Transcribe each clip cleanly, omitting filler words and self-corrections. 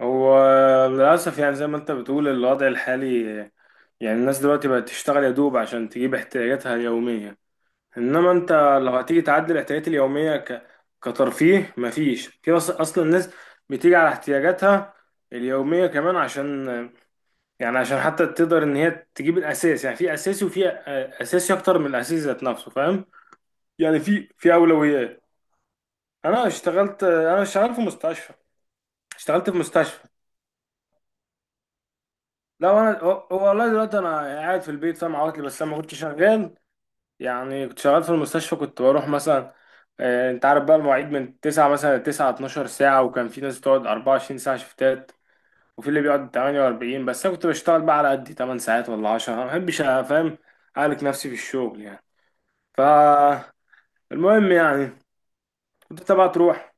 هو للأسف، يعني زي ما أنت بتقول الوضع الحالي. يعني الناس دلوقتي بقت تشتغل يا دوب عشان تجيب احتياجاتها اليومية، إنما أنت لو هتيجي تعدل الاحتياجات اليومية كترفيه، مفيش. في أصلا الناس بتيجي على احتياجاتها اليومية كمان، عشان يعني عشان حتى تقدر إن هي تجيب الأساس. يعني في أساسي وفي أساسي أكتر من الأساسي ذات نفسه، فاهم؟ يعني في أولويات. أنا شغال في مستشفى. اشتغلت في مستشفى. لا انا هو هو، والله دلوقتي انا قاعد في البيت، فاهم؟ عواطلي، بس انا ما كنت شغال، يعني كنت شغال في المستشفى، كنت بروح مثلا. انت عارف بقى المواعيد من 9 مثلا، 9 12 ساعه، وكان في ناس بتقعد 24 ساعه شفتات، وفي اللي بيقعد 48، بس انا كنت بشتغل بقى على قد 8 ساعات ولا 10. ما بحبش، فاهم؟ اهلك نفسي في الشغل يعني. فالمهم، يعني كنت انت بقى تروح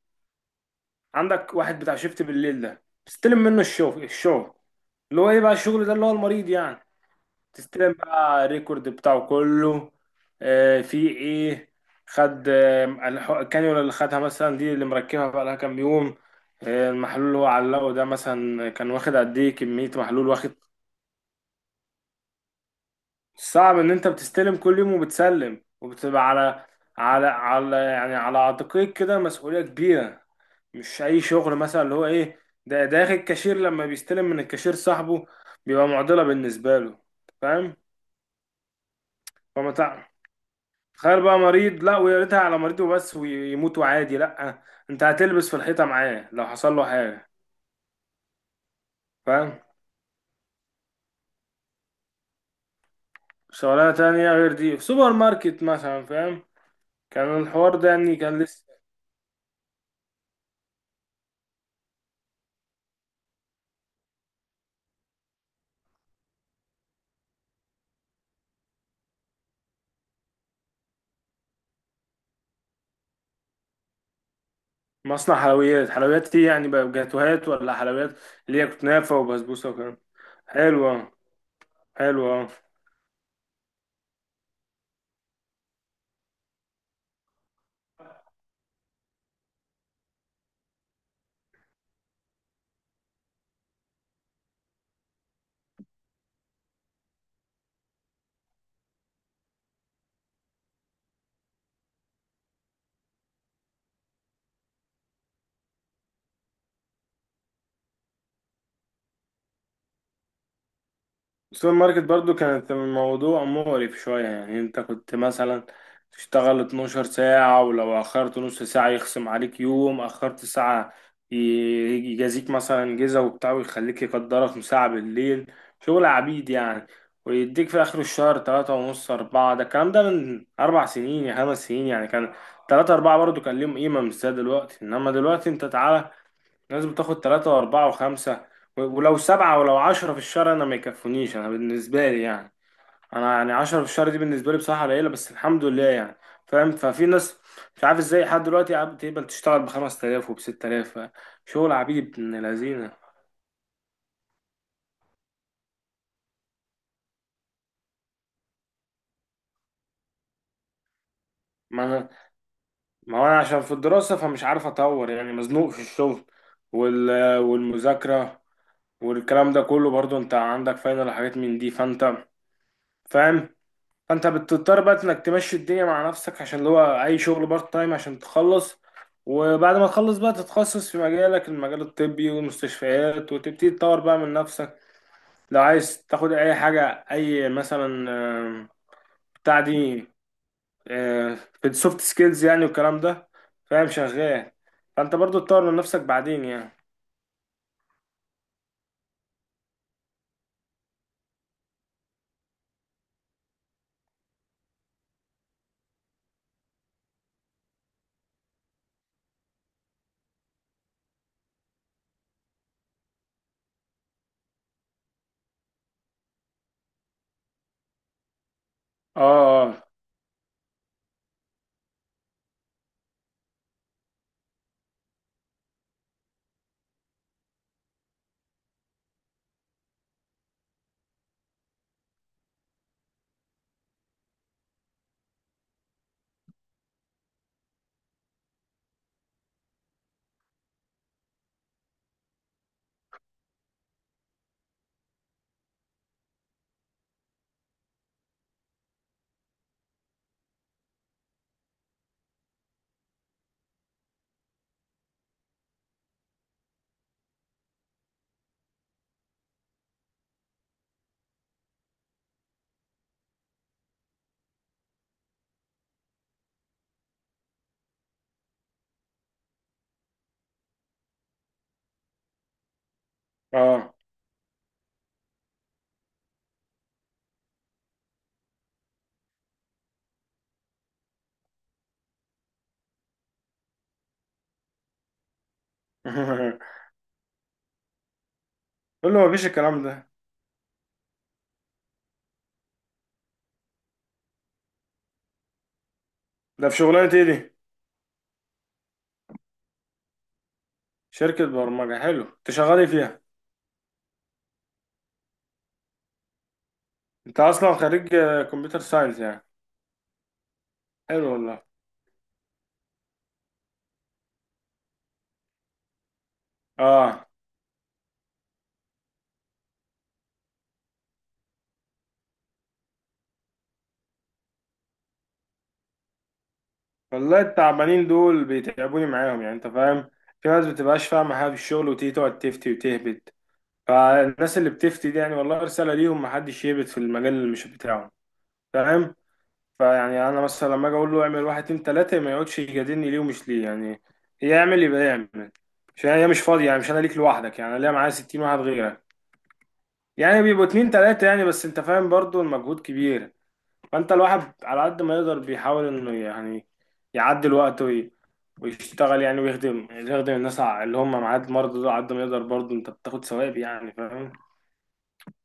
عندك واحد بتاع شيفت بالليل ده، بتستلم منه الشغل اللي هو ايه بقى، الشغل ده اللي هو المريض يعني. تستلم بقى الريكورد بتاعه كله، في ايه، خد، الكانيولا اللي خدها مثلا دي اللي مركبها بقى لها كام يوم، المحلول اللي هو علقه ده مثلا كان واخد قد ايه، كمية محلول واخد. صعب ان انت بتستلم كل يوم وبتسلم، وبتبقى على على يعني على عاتقك كده مسؤولية كبيرة. مش اي شغل، مثلا اللي هو ايه، ده داخل الكاشير لما بيستلم من الكاشير صاحبه بيبقى معضلة بالنسبة له، فاهم؟ فما تع- تخيل بقى مريض، لا ويا ريتها على مريض وبس ويموت وعادي، لا انت هتلبس في الحيطة معاه لو حصل له حاجة. فاهم؟ شغلانة تانية غير دي في سوبر ماركت مثلا، فاهم؟ كان الحوار ده يعني كان لسه. مصنع حلويات، حلويات دي يعني بقى جاتوهات ولا حلويات اللي هي كنافة وبسبوسة وكده؟ حلوة حلوة. السوبر ماركت برضو كانت الموضوع مقرف شوية، يعني انت كنت مثلا تشتغل 12 ساعة، ولو أخرت نص ساعة يخصم عليك يوم، أخرت ساعة ي- يجازيك مثلا جزا وبتاع، ويخليك يقدرك ساعة بالليل، شغل عبيد يعني. ويديك في آخر الشهر تلاتة ونص، أربعة. ده الكلام ده من 4 سنين يا 5 سنين يعني، كان تلاتة أربعة برضو كان ليهم قيمة مش زي دلوقتي. إنما دلوقتي أنت تعالى لازم تاخد تلاتة وأربعة وخمسة ولو سبعة ولو عشرة في الشهر، أنا ما يكفونيش، أنا بالنسبة لي يعني. أنا يعني عشرة في الشهر دي بالنسبة لي بصراحة قليلة، بس الحمد لله يعني. فاهم؟ ففي ناس مش عارف ازاي لحد دلوقتي قاعد تقبل تشتغل ب5 تلاف وب6 تلاف، شغل عبيد ابن لذينة. ما أنا ما هو أنا عشان في الدراسة فمش عارف أطور، يعني مزنوق في الشغل والمذاكرة والكلام ده كله، برضو أنت عندك فاينل وحاجات من دي، فأنت فاهم. فانت بتضطر بقى انك تمشي الدنيا مع نفسك، عشان اللي هو اي شغل بارت تايم عشان تخلص، وبعد ما تخلص بقى تتخصص في مجالك، المجال الطبي والمستشفيات، وتبتدي تطور بقى من نفسك. لو عايز تاخد اي حاجة، اي مثلا، آم، بتاع دي، في السوفت سكيلز يعني والكلام ده، فاهم؟ شغال. فانت برضو تطور من نفسك بعدين يعني. اه، اه، اه. قول له مفيش الكلام ده. ده في شغلانة ايه دي؟ شركة برمجة، حلو، انت شغال إيه فيها؟ انت اصلا خريج كمبيوتر ساينس يعني؟ حلو والله. اه. والله التعبانين دول بيتعبوني معاهم، يعني انت فاهم، في ناس بتبقاش فاهمه حاجه في الشغل وتيجي تقعد تفتي وتهبد. فالناس اللي بتفتي دي يعني، والله رساله ليهم، محدش يهبد في المجال اللي مش بتاعه. فاهم؟ فيعني انا مثلا لما اجي اقول له اعمل واحد اتنين تلاته، ما يقعدش يجادلني ليه ومش ليه يعني، يعمل يبقى يعمل. عشان هي مش فاضيه، يعني مش انا ليك لوحدك، يعني انا ليا معايا 60 واحد غيرك. يعني بيبقوا اتنين تلاته يعني، بس انت فاهم برضو المجهود كبير. فانت الواحد على قد ما يقدر بيحاول انه يعني يعدل وقته ويشتغل يعني، ويخدم الناس اللي هم معاه، المرضى دول على قد ما يقدر. برضه انت بتاخد ثواب يعني، فاهم؟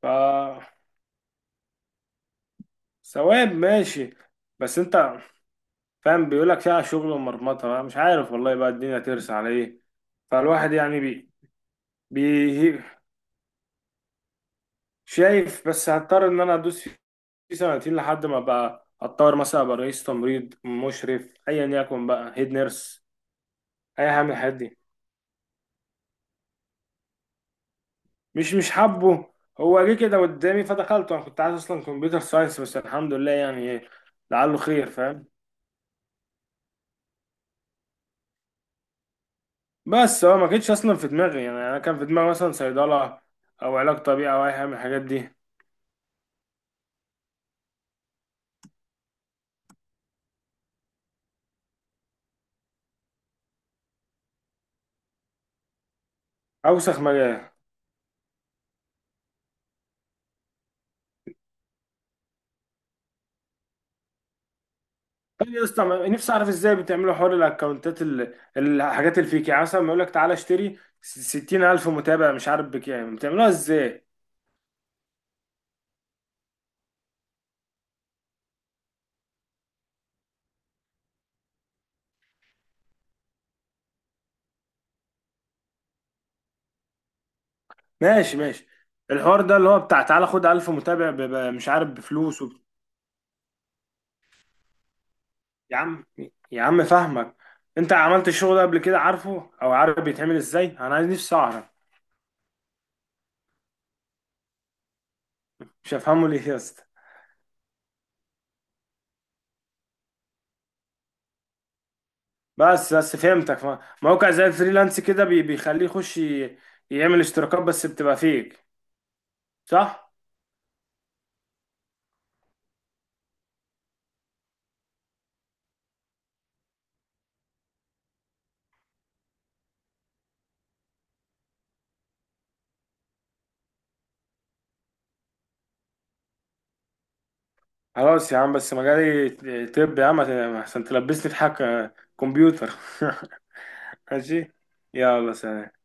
ف ثواب، ماشي. بس انت فاهم، بيقولك فيها شغل ومرمطة بقى، مش عارف والله بقى الدنيا ترسى على ايه. فالواحد يعني بي, بي شايف، بس هضطر ان انا ادوس فيه سنتين لحد ما بقى اتطور، مثلا ابقى رئيس تمريض، مشرف، ايا يكن بقى، هيد نيرس، اي حاجه من الحاجات دي. مش حابه. هو جه كده قدامي فدخلته، انا كنت عايز اصلا كمبيوتر ساينس، بس الحمد لله يعني، لعله خير، فاهم. بس هو ما كانتش اصلا في دماغي، يعني انا كان في دماغي مثلا صيدله او علاج طبيعي او اي حاجه من الحاجات دي. اوسخ مجال. طب يا اسطى، نفسي اعرف ازاي بتعملوا حوار الاكونتات، الحاجات الفيك يعني، مثلا بيقول لك تعالى اشتري 60000 متابع مش عارف بكام، بتعملوها ازاي؟ ماشي، ماشي. الحوار ده اللي هو بتاع تعالى خد 1000 متابع مش عارف بفلوس. يا عم، يا عم فاهمك. انت عملت الشغل ده قبل كده عارفه، او عارف بيتعمل ازاي؟ انا عايز نفسي اعرف. مش هفهمه ليه يا اسطى؟ بس فهمتك. موقع زي الفريلانس كده بيخليه يخش يعمل اشتراكات، بس بتبقى فيك. صح. خلاص يا عم، بس مجالي. طب يا عم، عشان تلبسني في حاجه، كمبيوتر. ماشي. يلا سلام.